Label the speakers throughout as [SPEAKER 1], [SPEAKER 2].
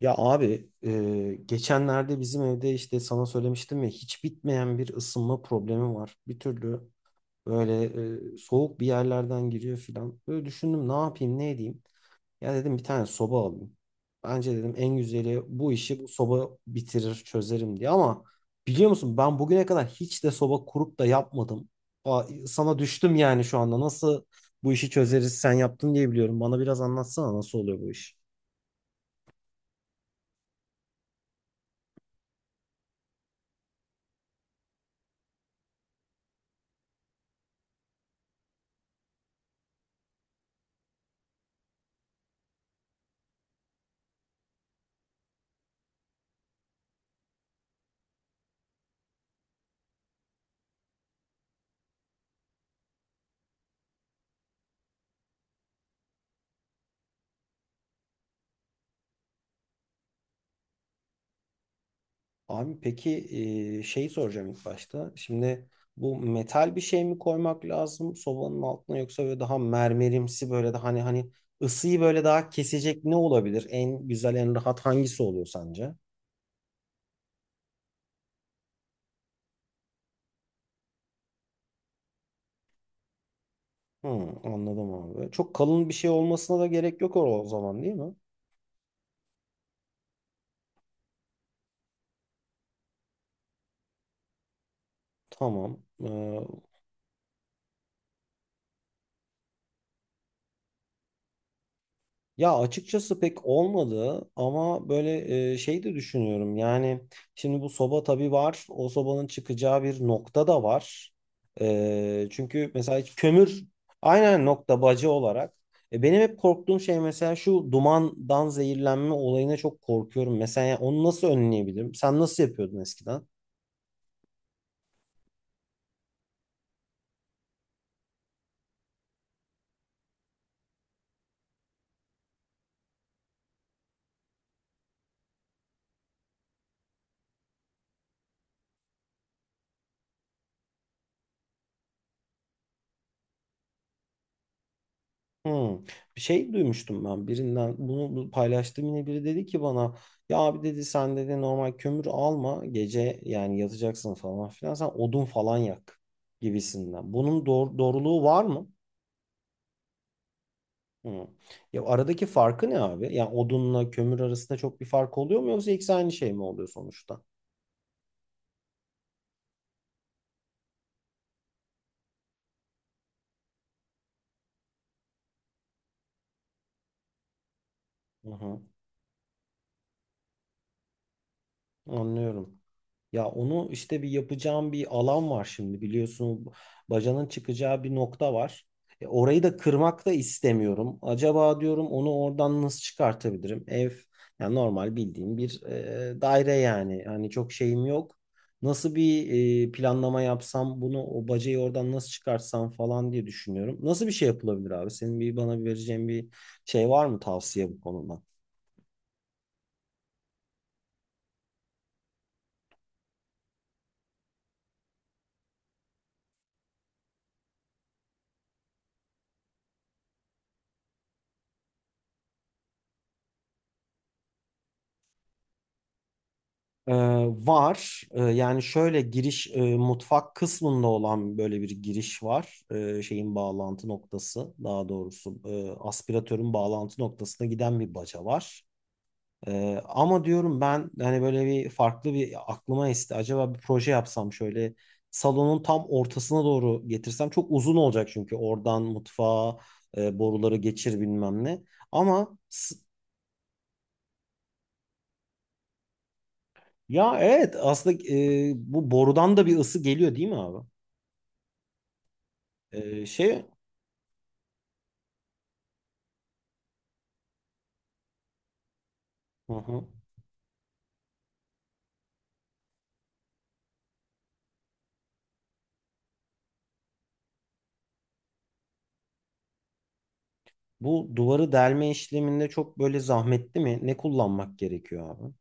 [SPEAKER 1] Ya abi geçenlerde bizim evde işte sana söylemiştim ya hiç bitmeyen bir ısınma problemi var. Bir türlü böyle soğuk bir yerlerden giriyor filan. Böyle düşündüm ne yapayım ne edeyim. Ya dedim bir tane soba alayım. Bence dedim en güzeli bu işi bu soba bitirir çözerim diye. Ama biliyor musun ben bugüne kadar hiç de soba kurup da yapmadım. Aa, sana düştüm yani şu anda nasıl bu işi çözeriz sen yaptın diye biliyorum. Bana biraz anlatsana nasıl oluyor bu iş. Abi peki şey soracağım ilk başta. Şimdi bu metal bir şey mi koymak lazım sobanın altına yoksa böyle daha mermerimsi böyle daha hani ısıyı böyle daha kesecek ne olabilir? En güzel en rahat hangisi oluyor sence? Hı, anladım abi. Çok kalın bir şey olmasına da gerek yok o zaman değil mi? Tamam. Ee, Ya açıkçası pek olmadı ama böyle şey de düşünüyorum. Yani şimdi bu soba tabii var. O sobanın çıkacağı bir nokta da var. E, çünkü mesela kömür aynen nokta bacı olarak. E, benim hep korktuğum şey mesela şu dumandan zehirlenme olayına çok korkuyorum. Mesela yani onu nasıl önleyebilirim? Sen nasıl yapıyordun eskiden? Hmm. Bir şey duymuştum ben birinden bunu paylaştığım yine biri dedi ki bana ya abi dedi sen dedi normal kömür alma gece yani yatacaksın falan filan sen odun falan yak gibisinden. Bunun doğruluğu var mı? Hmm. Ya aradaki farkı ne abi? Yani odunla kömür arasında çok bir fark oluyor mu yoksa ikisi aynı şey mi oluyor sonuçta? Hı hı. Anlıyorum. Ya onu işte bir yapacağım bir alan var şimdi biliyorsun bacanın çıkacağı bir nokta var. E, orayı da kırmak da istemiyorum. Acaba diyorum onu oradan nasıl çıkartabilirim? Ev yani normal bildiğim bir daire yani. Hani çok şeyim yok. Nasıl bir planlama yapsam bunu o bacayı oradan nasıl çıkartsam falan diye düşünüyorum. Nasıl bir şey yapılabilir abi? Senin bir bana bir vereceğin bir şey var mı tavsiye bu konuda? Ee, var. Yani şöyle giriş mutfak kısmında olan böyle bir giriş var. Şeyin bağlantı noktası daha doğrusu aspiratörün bağlantı noktasına giden bir baca var. Ama diyorum ben hani böyle bir farklı bir aklıma esti. Acaba bir proje yapsam şöyle salonun tam ortasına doğru getirsem çok uzun olacak çünkü oradan mutfağa boruları geçir bilmem ne. Ama s- ya evet aslında bu borudan da bir ısı geliyor değil mi abi? Ee, şey, hı hı. Bu duvarı delme işleminde çok böyle zahmetli mi? Ne kullanmak gerekiyor abi?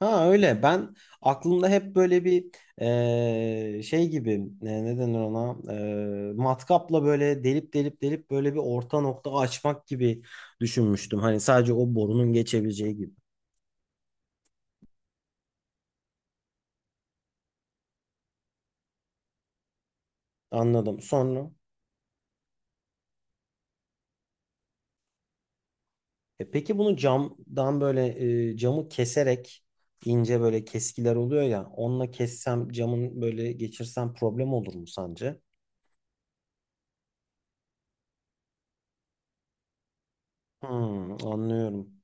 [SPEAKER 1] Ha öyle. Ben aklımda hep böyle bir şey gibi ne denir ona? Matkapla böyle delip böyle bir orta nokta açmak gibi düşünmüştüm. Hani sadece o borunun geçebileceği gibi. Anladım. Sonra. E peki bunu camdan böyle camı keserek ince böyle keskiler oluyor ya onunla kessem camın böyle geçirsem problem olur mu sence? Hmm, anlıyorum.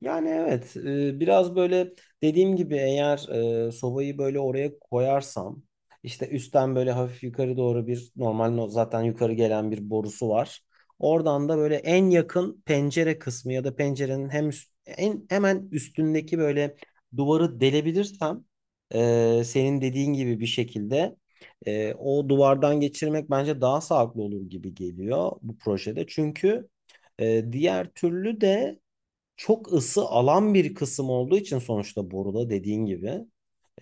[SPEAKER 1] Yani evet, biraz böyle dediğim gibi eğer sobayı böyle oraya koyarsam işte üstten böyle hafif yukarı doğru bir normal zaten yukarı gelen bir borusu var. Oradan da böyle en yakın pencere kısmı ya da pencerenin hem en hemen üstündeki böyle duvarı delebilirsem senin dediğin gibi bir şekilde o duvardan geçirmek bence daha sağlıklı olur gibi geliyor bu projede. Çünkü diğer türlü de çok ısı alan bir kısım olduğu için sonuçta boruda dediğin gibi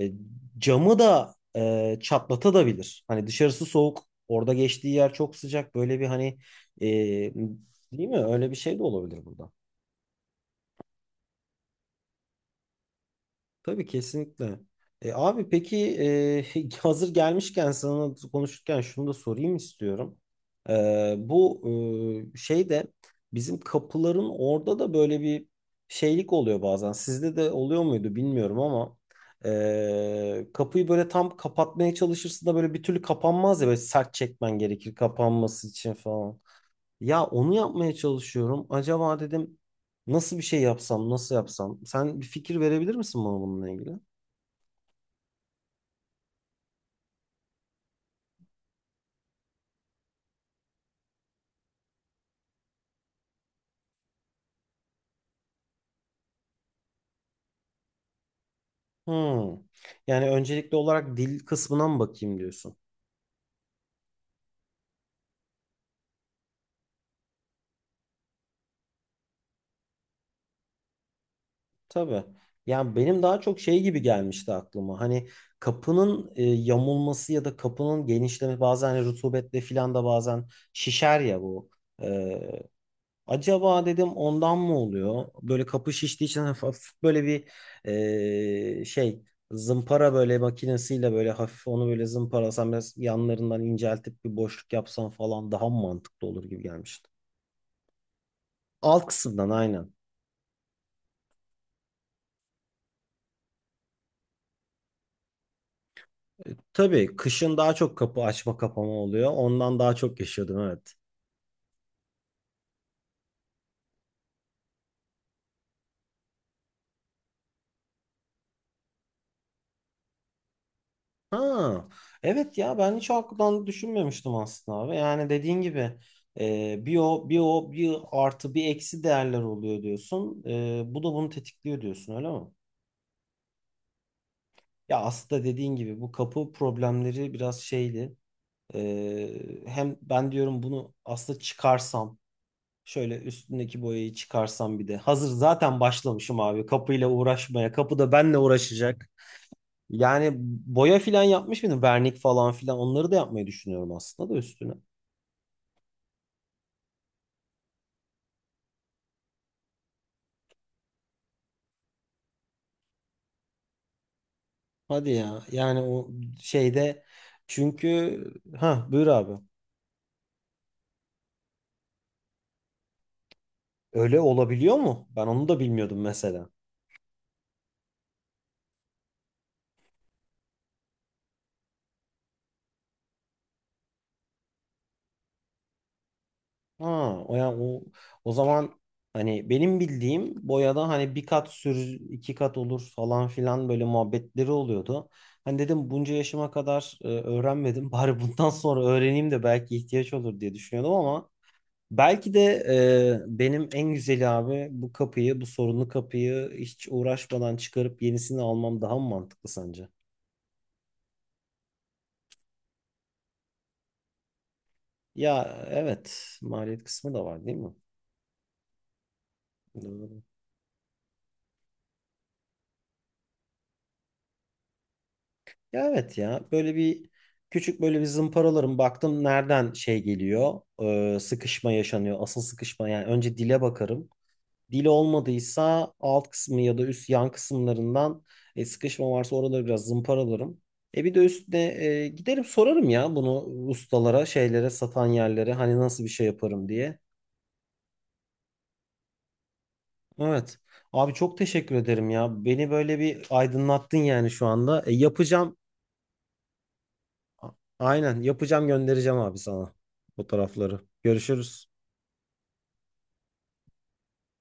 [SPEAKER 1] e, camı da çatlatabilir. Hani dışarısı soğuk, orada geçtiği yer çok sıcak. Böyle bir hani e, değil mi? Öyle bir şey de olabilir burada. Tabii kesinlikle. E, abi peki hazır gelmişken sana konuşurken şunu da sorayım istiyorum. E, bu şey de bizim kapıların orada da böyle bir şeylik oluyor bazen. Sizde de oluyor muydu bilmiyorum ama kapıyı böyle tam kapatmaya çalışırsın da böyle bir türlü kapanmaz ya böyle sert çekmen gerekir kapanması için falan. Ya onu yapmaya çalışıyorum. Acaba dedim nasıl bir şey yapsam, nasıl yapsam? Sen bir fikir verebilir misin bana bununla ilgili? Hmm. Yani öncelikli olarak dil kısmına mı bakayım diyorsun? Tabii. Yani benim daha çok şey gibi gelmişti aklıma. Hani kapının yamulması ya da kapının genişlemesi bazen hani rutubetle filan da bazen şişer ya bu. Acaba dedim ondan mı oluyor? Böyle kapı şiştiği için hafif, hafif böyle bir şey zımpara böyle makinesiyle böyle hafif onu böyle zımparalasam biraz yanlarından inceltip bir boşluk yapsam falan daha mı mantıklı olur gibi gelmişti. Alt kısımdan aynen. Tabii kışın daha çok kapı açma kapama oluyor. Ondan daha çok yaşıyordum evet. Ha, evet ya ben hiç o açıdan düşünmemiştim aslında abi. Yani dediğin gibi bir o bir artı bir eksi değerler oluyor diyorsun. E, bu da bunu tetikliyor diyorsun öyle mi? Ya aslında dediğin gibi bu kapı problemleri biraz şeydi. E, hem ben diyorum bunu aslında çıkarsam şöyle üstündeki boyayı çıkarsam bir de hazır zaten başlamışım abi kapıyla uğraşmaya kapı da benle uğraşacak. Yani boya filan yapmış mıydım? Vernik falan filan onları da yapmayı düşünüyorum aslında da üstüne. Hadi ya. Yani o şeyde çünkü ha buyur abi. Öyle olabiliyor mu? Ben onu da bilmiyordum mesela. Ha o yani o zaman hani benim bildiğim boyada hani bir kat sür iki kat olur falan filan böyle muhabbetleri oluyordu. Hani dedim bunca yaşıma kadar öğrenmedim. Bari bundan sonra öğreneyim de belki ihtiyaç olur diye düşünüyordum ama belki de benim en güzeli abi bu kapıyı, bu sorunlu kapıyı hiç uğraşmadan çıkarıp yenisini almam daha mı mantıklı sence? Ya evet, maliyet kısmı da var değil mi? Doğru. Ya evet ya böyle bir küçük böyle bir zımparalarım baktım nereden şey geliyor, sıkışma yaşanıyor, asıl sıkışma yani önce dile bakarım. Dili olmadıysa alt kısmı ya da üst yan kısımlarından sıkışma varsa oraları biraz zımparalarım. E bir de üstüne giderim sorarım ya bunu ustalara, şeylere, satan yerlere hani nasıl bir şey yaparım diye. Evet. Abi çok teşekkür ederim ya. Beni böyle bir aydınlattın yani şu anda. E, yapacağım. A- aynen yapacağım göndereceğim abi sana fotoğrafları. Görüşürüz.